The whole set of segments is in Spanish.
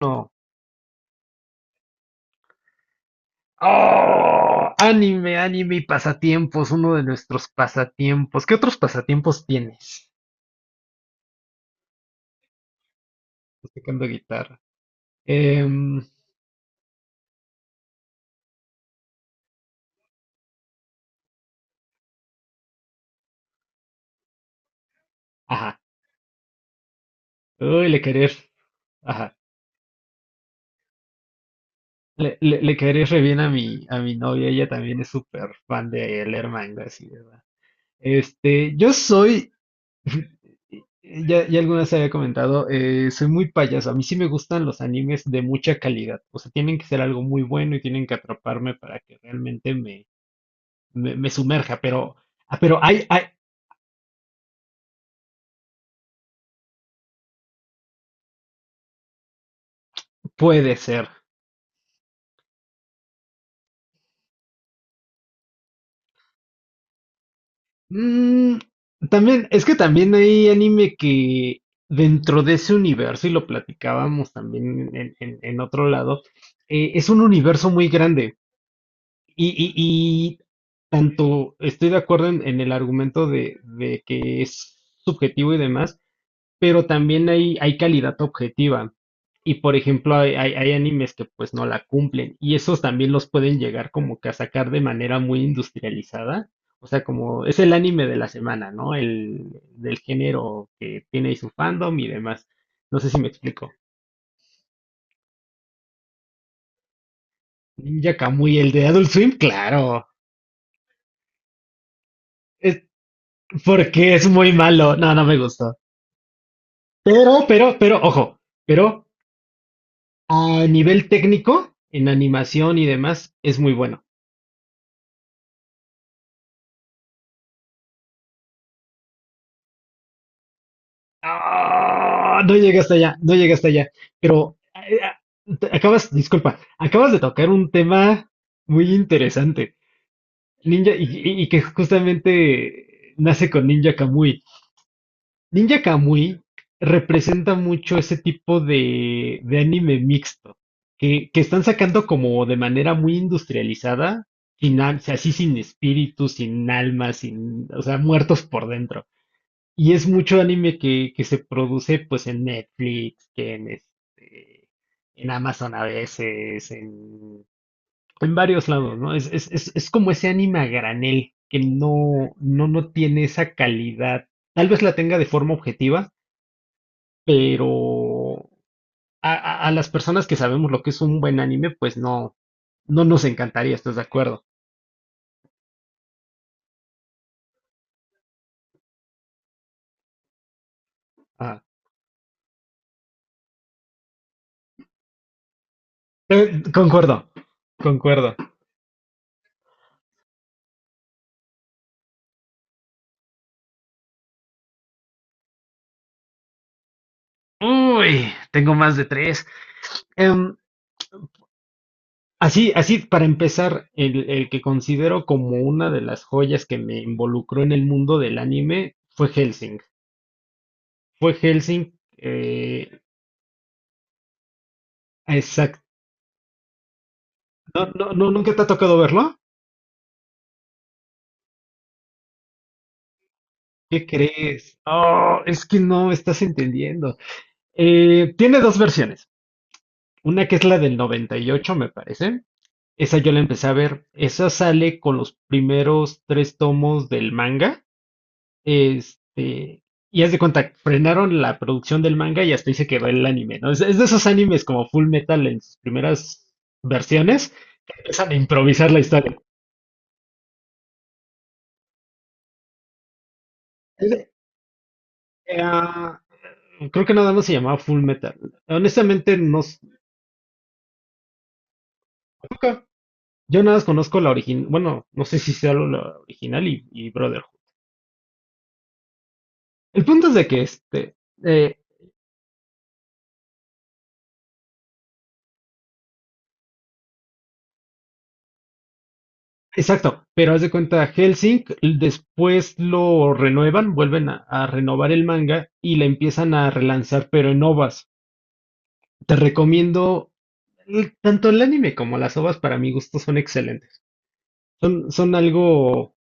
No. ¡Oh! Anime, anime y pasatiempos, uno de nuestros pasatiempos. ¿Qué otros pasatiempos tienes? Estoy tocando guitarra. Em, ajá. Uy, le querés. Ajá. Le querés re bien a mi novia. Ella también es súper fan de leer manga, así, ¿verdad? Yo soy. Ya, ya alguna vez había comentado, soy muy payaso. A mí sí me gustan los animes de mucha calidad. O sea, tienen que ser algo muy bueno y tienen que atraparme para que realmente me sumerja, pero, ah, pero hay, hay, puede ser. Mm, también, es que también hay anime que dentro de ese universo, y lo platicábamos también en otro lado, es un universo muy grande. Y tanto estoy de acuerdo en el argumento de que es subjetivo y demás, pero también hay calidad objetiva. Y por ejemplo, hay animes que pues no la cumplen y esos también los pueden llegar como que a sacar de manera muy industrializada. O sea, como es el anime de la semana, ¿no? El del género que tiene ahí su fandom y demás. No sé si me explico. Ninja Kamui, el de Adult Swim, claro. Es porque es muy malo. No, no me gustó. Pero, ojo, pero a nivel técnico, en animación y demás, es muy bueno. Ah, no llegué hasta allá, no llegué hasta allá. Pero eh, ah, acabas, disculpa, acabas de tocar un tema muy interesante. Ninja, y que justamente nace con Ninja Kamui. Ninja Kamui representa mucho ese tipo de anime mixto, que están sacando como de manera muy industrializada, sin, al- así sin espíritu, sin alma, sin, o sea, muertos por dentro. Y es mucho anime que se produce pues en Netflix, que en en Amazon a veces, en varios lados, ¿no? Es como ese anime a granel, que no tiene esa calidad. Tal vez la tenga de forma objetiva, pero a las personas que sabemos lo que es un buen anime, pues no nos encantaría, ¿estás de acuerdo? Ah, concuerdo, concuerdo. Uy, tengo más de tres. Así para empezar, el que considero como una de las joyas que me involucró en el mundo del anime fue Helsing. Fue Helsing, exacto. No, no, ¿nunca te ha tocado verlo? ¿Qué crees? Oh, es que no estás entendiendo. Tiene dos versiones. Una que es la del 98, me parece. Esa yo la empecé a ver. Esa sale con los primeros tres tomos del manga. Este, y haz de cuenta, frenaron la producción del manga y hasta ahí se quedó el anime, ¿no? Es de esos animes como Full Metal en sus primeras versiones, que empiezan a improvisar la historia. Es de- eh, ah, creo que nada más se llamaba Full Metal. Honestamente, no. Nunca. Yo nada más conozco la original, bueno, no sé si sea la original y Brotherhood. El punto es de que eh, Exacto, pero haz de cuenta, Helsing después lo renuevan, vuelven a renovar el manga y la empiezan a relanzar, pero en ovas. Te recomiendo, tanto el anime como las ovas para mi gusto son excelentes. Son algo,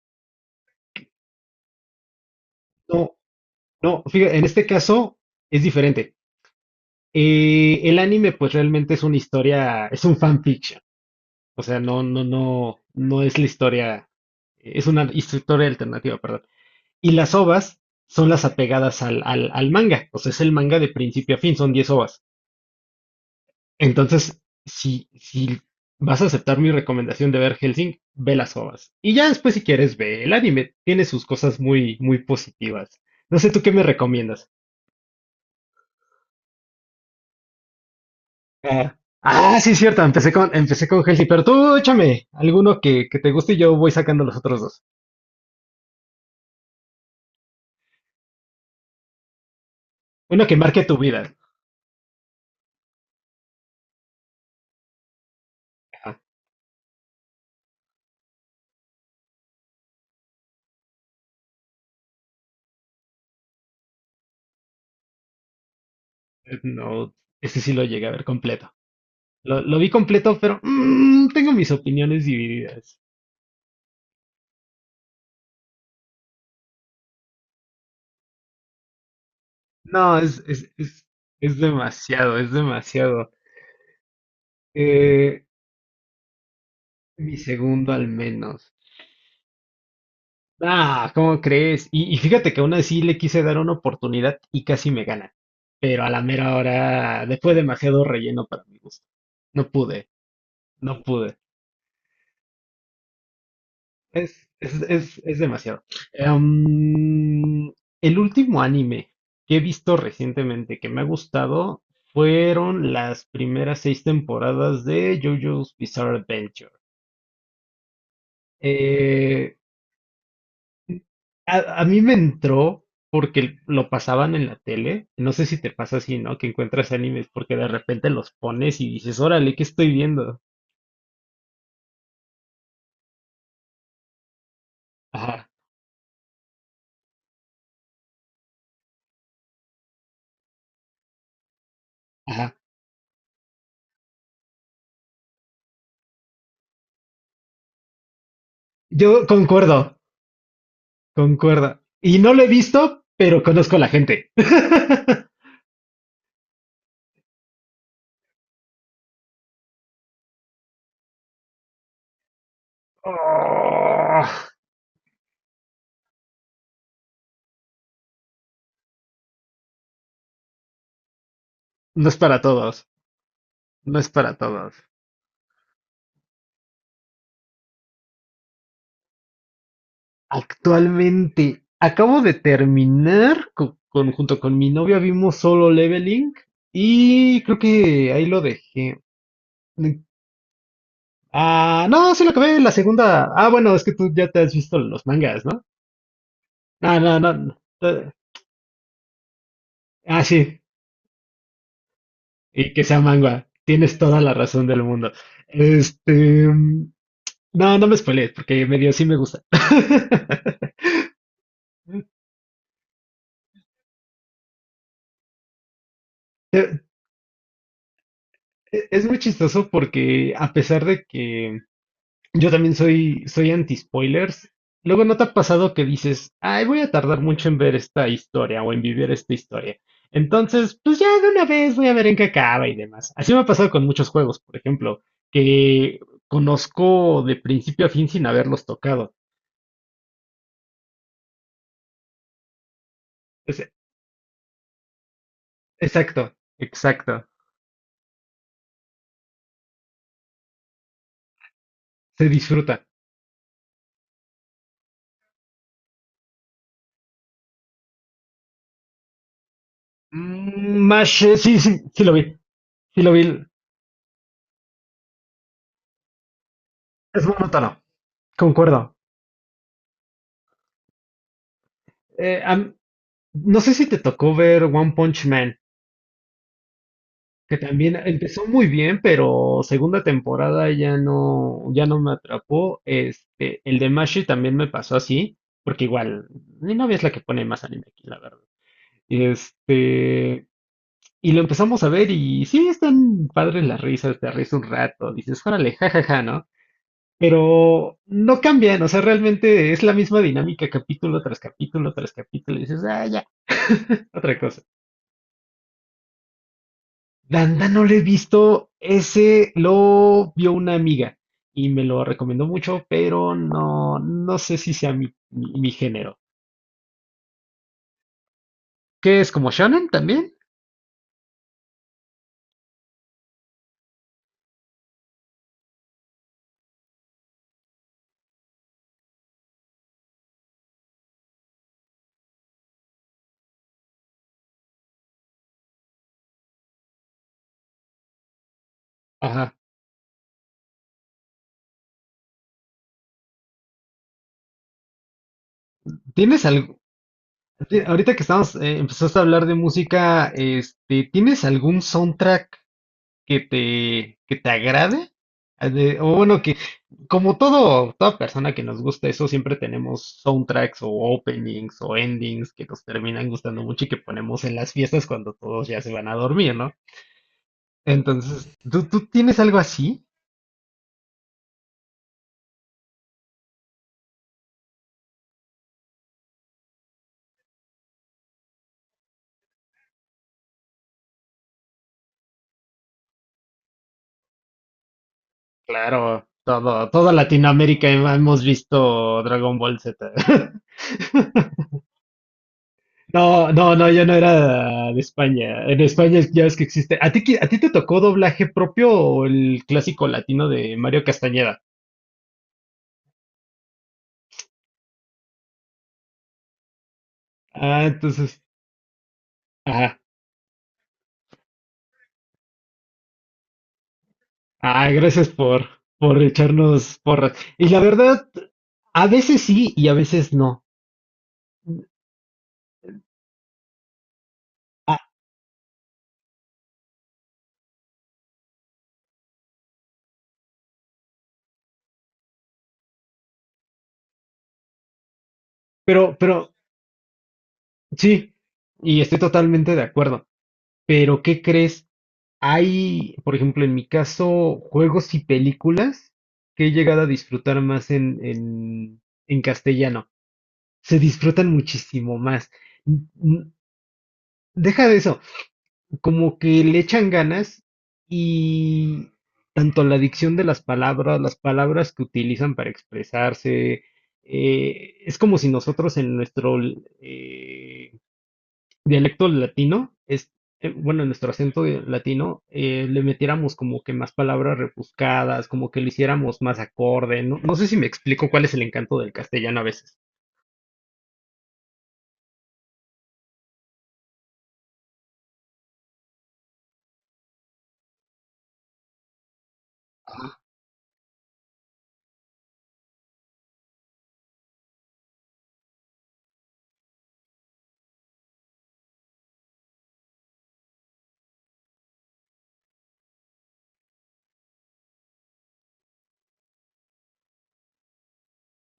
no, no, fíjate, en este caso es diferente. El anime pues realmente es una historia, es un fanfiction, o sea, no es la historia, es una historia alternativa, perdón. Y las ovas son las apegadas al manga. O sea, es el manga de principio a fin, son 10 ovas. Entonces, si vas a aceptar mi recomendación de ver Helsing, ve las ovas. Y ya después, si quieres, ve el anime. Tiene sus cosas muy, muy positivas. No sé, ¿tú qué me recomiendas? Ah, Ah, sí, es cierto, empecé con Helsing, pero tú échame alguno que te guste y yo voy sacando los otros dos. Uno que marque tu vida. Ajá. No, ese sí lo llegué a ver completo. Lo vi completo, pero tengo mis opiniones divididas. No, es demasiado, es demasiado. Eh, mi segundo al menos. Ah, ¿cómo crees? Y fíjate que aún así le quise dar una oportunidad y casi me gana. Pero a la mera hora, después demasiado relleno para mi gusto. No pude, no pude. Es demasiado. Em, el último anime que he visto recientemente que me ha gustado fueron las primeras seis temporadas de JoJo's Bizarre Adventure. Eh, a mí me entró porque lo pasaban en la tele. No sé si te pasa así, ¿no? Que encuentras animes porque de repente los pones y dices, órale, ¿qué estoy viendo? Ajá, ajá. Yo concuerdo, concuerdo. Y no lo he visto, pero conozco a la gente. Oh, no es para todos, no es para todos. Actualmente acabo de terminar junto con mi novia vimos Solo Leveling y creo que ahí lo dejé. Ah, no, sí lo acabé la segunda. Ah, bueno, es que tú ya te has visto los mangas, ¿no? Ah, no, no. No. Ah, sí. Y que sea manga. Tienes toda la razón del mundo. Este, mm, no me spoilees porque medio sí me gusta. Te, Es muy chistoso porque a pesar de que yo también soy anti-spoilers, luego no te ha pasado que dices, ay, voy a tardar mucho en ver esta historia o en vivir esta historia. Entonces, pues ya de una vez voy a ver en qué acaba y demás. Así me ha pasado con muchos juegos, por ejemplo, que conozco de principio a fin sin haberlos tocado. Es- exacto, exacto. Se disfruta. Mash, sí, sí, sí lo vi, sí lo vi. Es monótono. Concuerdo. Eh, a, No sé si te tocó ver One Punch Man, que también empezó muy bien, pero segunda temporada ya no, ya no me atrapó. El de Mashi también me pasó así, porque igual, mi novia es la que pone más anime aquí, la verdad. Este, y lo empezamos a ver y sí, están padres las risas, te ríes un rato, dices, órale, jajaja, ¿no? Pero no cambian, o sea, realmente es la misma dinámica capítulo tras capítulo tras capítulo, y dices, ah, ya, otra cosa. Danda no lo he visto, ese lo vio una amiga y me lo recomendó mucho, pero no, no sé si sea mi género. ¿Qué es como shonen también? Ajá. ¿Tienes algo? Ahorita que estamos, empezaste a hablar de música, ¿tienes algún soundtrack? Que te agrade, o bueno, que como toda persona que nos gusta eso, siempre tenemos soundtracks o openings o endings que nos terminan gustando mucho y que ponemos en las fiestas cuando todos ya se van a dormir, ¿no? Entonces, ¿tú tienes algo así? Claro, toda Latinoamérica hemos visto Dragon Ball Z. No, no, no, yo no era de España. En España ya ves que existe. ¿A ti te tocó doblaje propio o el clásico latino de Mario Castañeda? Ah, entonces, ajá. Ah, gracias por, echarnos porras. Y la verdad, a veces sí y a veces no. Ah, pero, sí, y estoy totalmente de acuerdo. Pero, ¿qué crees? Hay, por ejemplo, en mi caso, juegos y películas que he llegado a disfrutar más en castellano. Se disfrutan muchísimo más. N- Deja de eso, como que le echan ganas y tanto la dicción de las palabras que utilizan para expresarse, es como si nosotros en nuestro eh, dialecto latino, bueno, en nuestro acento latino, le metiéramos como que más palabras rebuscadas, como que lo hiciéramos más acorde, ¿no? No sé si me explico cuál es el encanto del castellano a veces.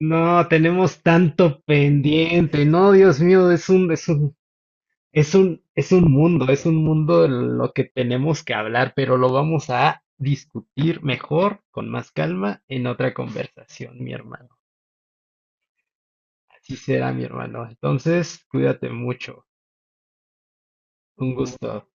No, tenemos tanto pendiente. No, Dios mío, es un mundo en lo que tenemos que hablar, pero lo vamos a discutir mejor, con más calma, en otra conversación, mi hermano. Así será, mi hermano. Entonces, cuídate mucho. Un gusto.